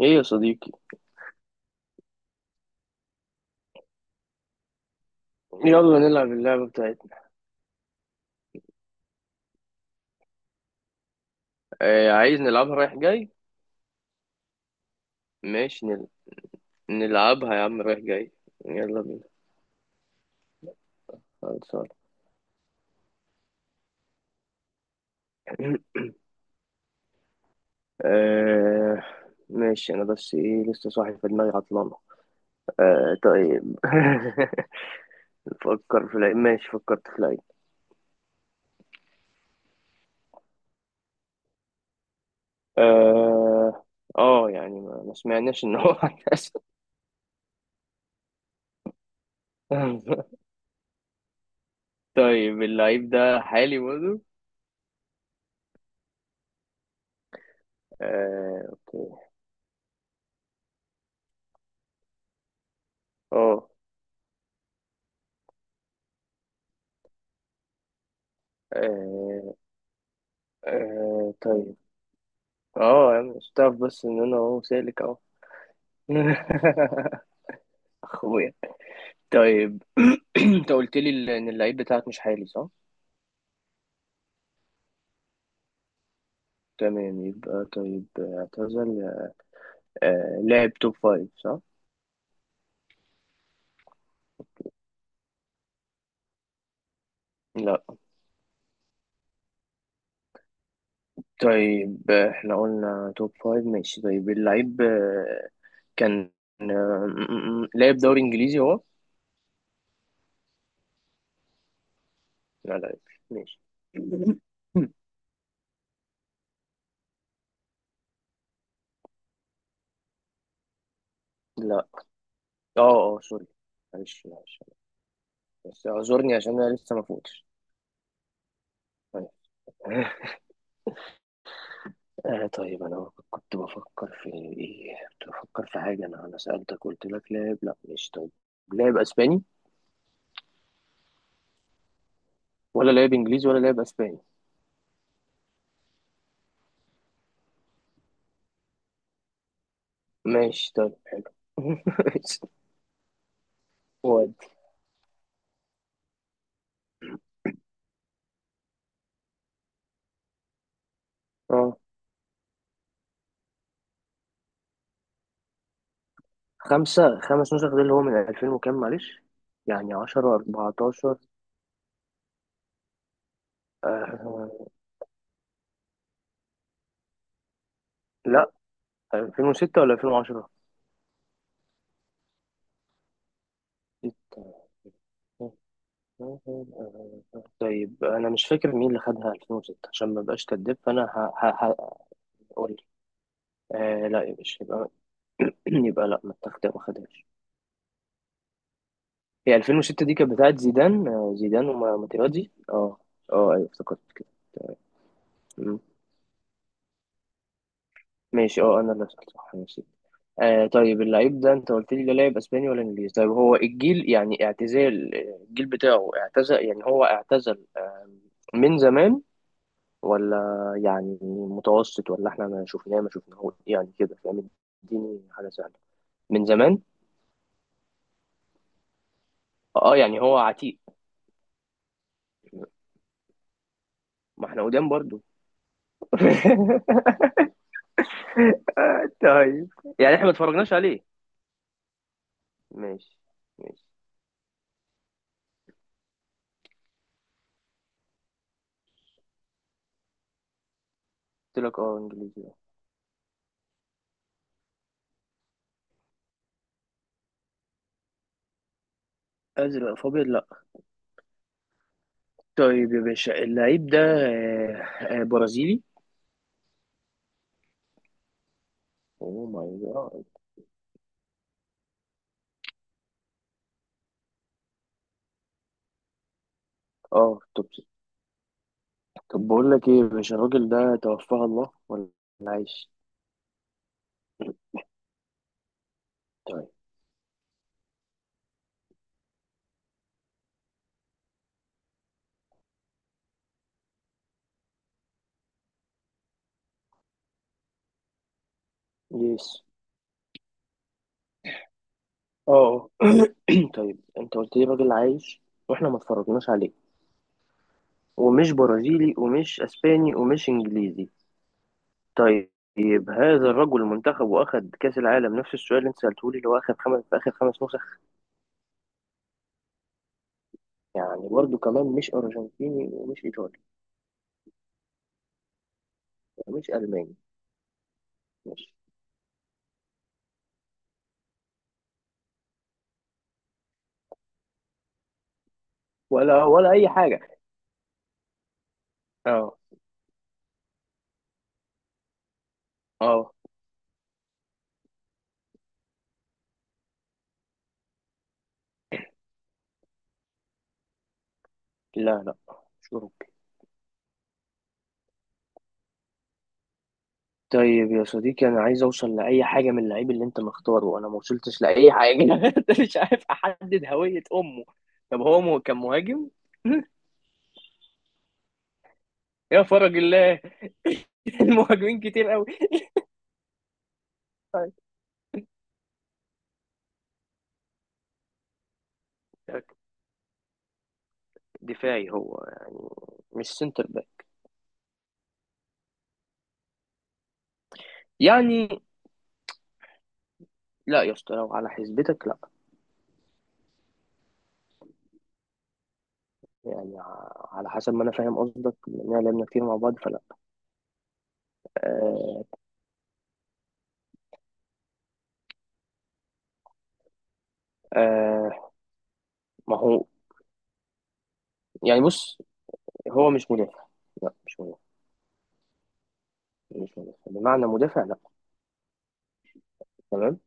ايه يا صديقي. يلا نلعب اللعبة بتاعتنا. آه، عايز نلعبها رايح جاي. ماشي، نلعبها يا عم رايح جاي. يلا بينا. خلصان. آه، ماشي. انا بس ايه لسه صاحي، في دماغي عطلانة. آه طيب. فكر في العيد، ماشي فكرت في العيد. اه، اه يعني ما سمعناش ان هو هيحصل. طيب اللعيب ده حالي برضه. آه اوكي. اه، آه، طيب. اه يا عم مش هتعرف بس ان انا اهو سالك اهو. اخويا. طيب. انت قلت لي ان اللعيب بتاعك مش حالي صح؟ تمام يبقى طيب اعتزل. لاعب توب فايف صح؟ لا. طيب احنا قلنا توب فايف. ماشي طيب اللعيب كان، آه، لاعب دوري انجليزي هو؟ لا لا. ماشي. لا. اه اه، سوري. معلش معلش. بس اعذرني عشان انا لسه ما فوتش. طيب. آه طيب، أنا كنت بفكر في إيه؟ كنت بفكر في حاجة، أنا سألتك قلت لك لاعب. لأ، ماشي طيب، لاعب أسباني ولا لاعب إنجليزي ولا لاعب أسباني. ماشي طيب حلو. ودي. أه، خمس نسخ، ده اللي هو من 2000 وكام، معلش. يعني 10 14. آه لأ، 2006 ولا 2010؟ ستة. طيب أنا مش فاكر مين اللي خدها 2006، عشان ما بقاش كداب فأنا هقول. لا يا باشا، يبقى. يبقى لا، ما خدهاش. هي 2006 دي كانت بتاعت زيدان وماتيراتزي، اه. اه ايوه، افتكرت كده. مم. ماشي، انا اللي سألت صح، ماشي. طيب اللعيب ده، انت قلت لي لا لاعب اسباني ولا انجليزي. طيب، هو الجيل يعني اعتزال، الجيل بتاعه اعتزل، يعني هو اعتزل من زمان، ولا يعني متوسط، ولا احنا ما شفناهوش يعني، كده فاهم. اديني حاجه سهله. من زمان. اه، يعني هو عتيق. ما احنا قدام برضو. طيب يعني احنا ما اتفرجناش عليه. ماشي ماشي. قلت لك انجليزي بقى. ازرق فابيض، لا. طيب يا باشا اللعيب ده برازيلي. اوه ماي جاد. اه طب. طب بقول لك ايه يا باشا، الراجل ده توفاه الله ولا عايش؟ طيب. يس. اه آه. طيب انت قلت لي راجل عايش، واحنا ما اتفرجناش عليه، ومش برازيلي ومش اسباني ومش انجليزي. طيب هذا الرجل منتخب واخد كاس العالم، نفس السؤال اللي انت سالته لي، اللي هو اخد خمس في اخر خمس نسخ. يعني برضه كمان مش ارجنتيني ومش ايطالي ومش الماني. مش ولا اي حاجه. اه اه. لا لا، مش اوروبي. طيب يا صديقي انا عايز اوصل لاي حاجه من اللعيب اللي انت مختاره، وانا ما وصلتش لاي حاجه. انت مش عارف احدد هويه امه. طب هو كان مهاجم. يا فرج الله. المهاجمين كتير قوي. طيب، دفاعي هو يعني؟ مش سنتر يعني. لا يا اسطى، لو على حسبتك لا. يعني على حسب ما انا فاهم قصدك، لان لعبنا كتير مع بعض، فلا. آه آه ما هو، يعني بص، هو مش مدافع. لا مش مدافع. مش مدافع بمعنى مدافع، لا. تمام.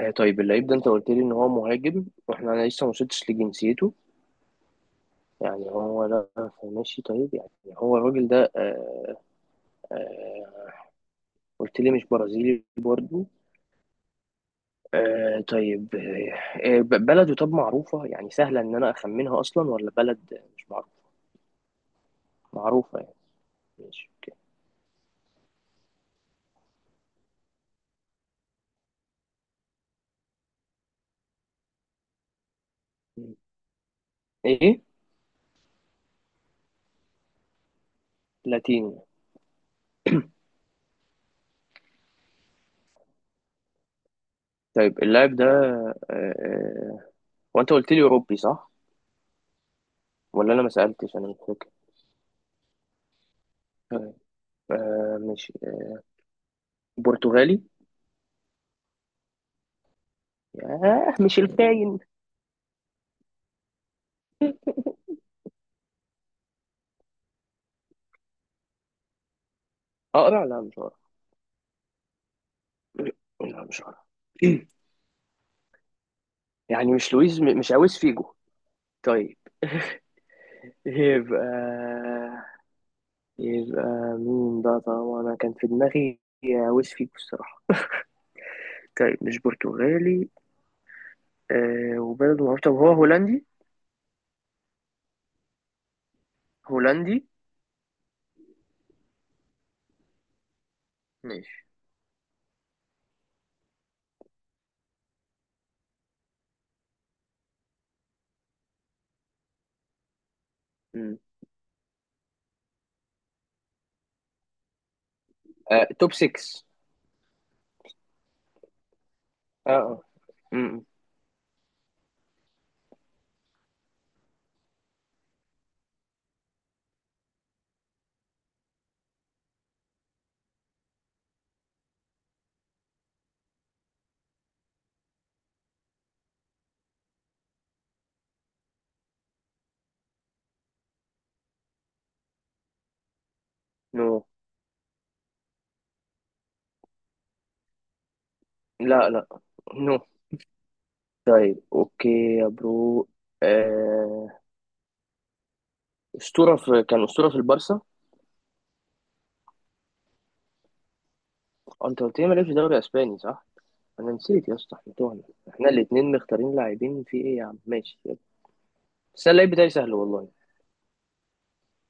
طيب اللعيب ده، انت قلت لي ان هو مهاجم، واحنا انا لسه ما وصلتش لجنسيته. يعني هو، لا. ماشي طيب يعني، هو الراجل ده قلت لي مش برازيلي برضه. آه طيب، بلده طب معروفة يعني سهلة ان انا اخمنها اصلا، ولا بلد مش معروفة؟ معروفة يعني. ماشي اوكي. مم. ايه. لاتيني. طيب اللاعب ده، هو انت قلت لي اوروبي صح؟ ولا انا ما سألتش، انا مش فاكر. طيب، مش برتغالي. ياه، مش الكاين. اقرع؟ لا مش هقرع. لا مش هقرع. يعني مش لويز، مش عاوز فيجو. طيب يبقى، يبقى مين ده؟ طبعا انا كان في دماغي عاوز فيجو الصراحة. طيب مش برتغالي. وبلده معروف، طب هو هولندي؟ هولندي. ماشي. توب 6. اه آه. م- م. نو. لا لا نو. طيب اوكي. يا برو. آه، اسطوره في كان اسطوره في البارسا. انت قلت لي مالكش دوري اسباني صح؟ انا نسيت يا اسطى، احنا تهنا. احنا الاثنين مختارين لاعبين في ايه يا عم، ماشي يلا. بس اللعيب بتاعي سهل والله.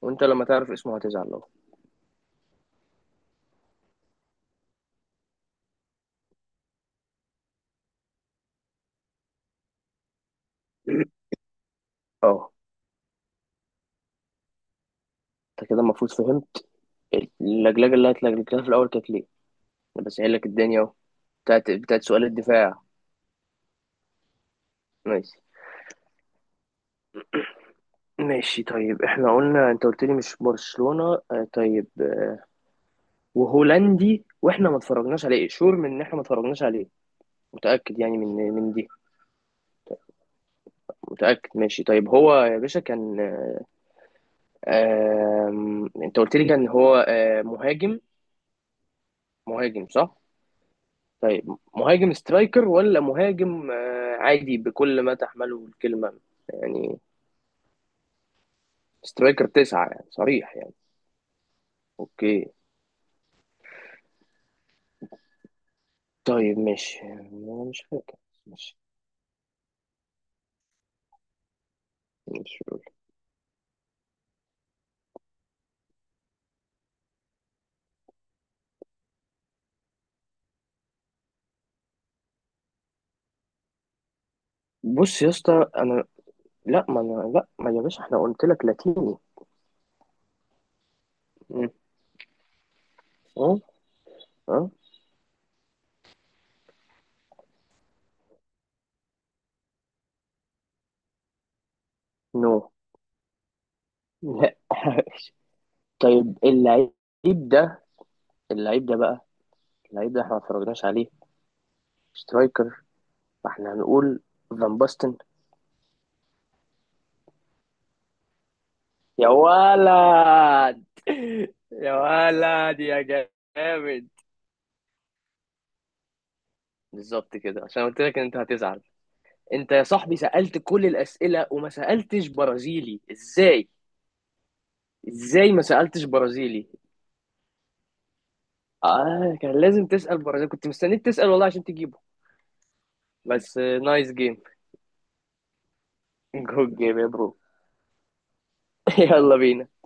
وانت لما تعرف اسمه هتزعل اهو. اه. انت كده المفروض فهمت. اللجلجه اللي هتلجلجها في الاول كانت ليه؟ انا بسهل لك الدنيا اهو. بتاعت سؤال الدفاع. ماشي ماشي. طيب احنا قلنا، انت قلت لي مش برشلونة. طيب، وهولندي، واحنا ما اتفرجناش عليه، شور من ان احنا ما اتفرجناش عليه. متأكد يعني، من دي. متأكد، ماشي. طيب هو يا باشا كان آه آم، انت قلت لي كان هو مهاجم. مهاجم صح. طيب مهاجم سترايكر ولا مهاجم عادي بكل ما تحمله الكلمة. يعني سترايكر تسعة، يعني صريح يعني. اوكي. طيب ماشي، أنا مش فاكر. ماشي، مش بص يا اسطى، انا لا ما أنا لا ما يا باشا، احنا قلت لك لاتيني. مم. اه اه نو. لا. طيب اللعيب ده، اللعيب ده بقى اللعيب ده احنا ما اتفرجناش عليه، سترايكر، فاحنا هنقول فان باستن. يا ولد، يا ولد يا جامد. بالظبط كده، عشان قلت لك ان انت هتزعل. انت يا صاحبي سألت كل الأسئلة وما سألتش برازيلي، ازاي؟ ازاي ما سألتش برازيلي. اه كان لازم تسأل برازيلي، كنت مستنيك تسأل والله عشان تجيبه. بس نايس جيم. جود جيم يا برو. يلا بينا.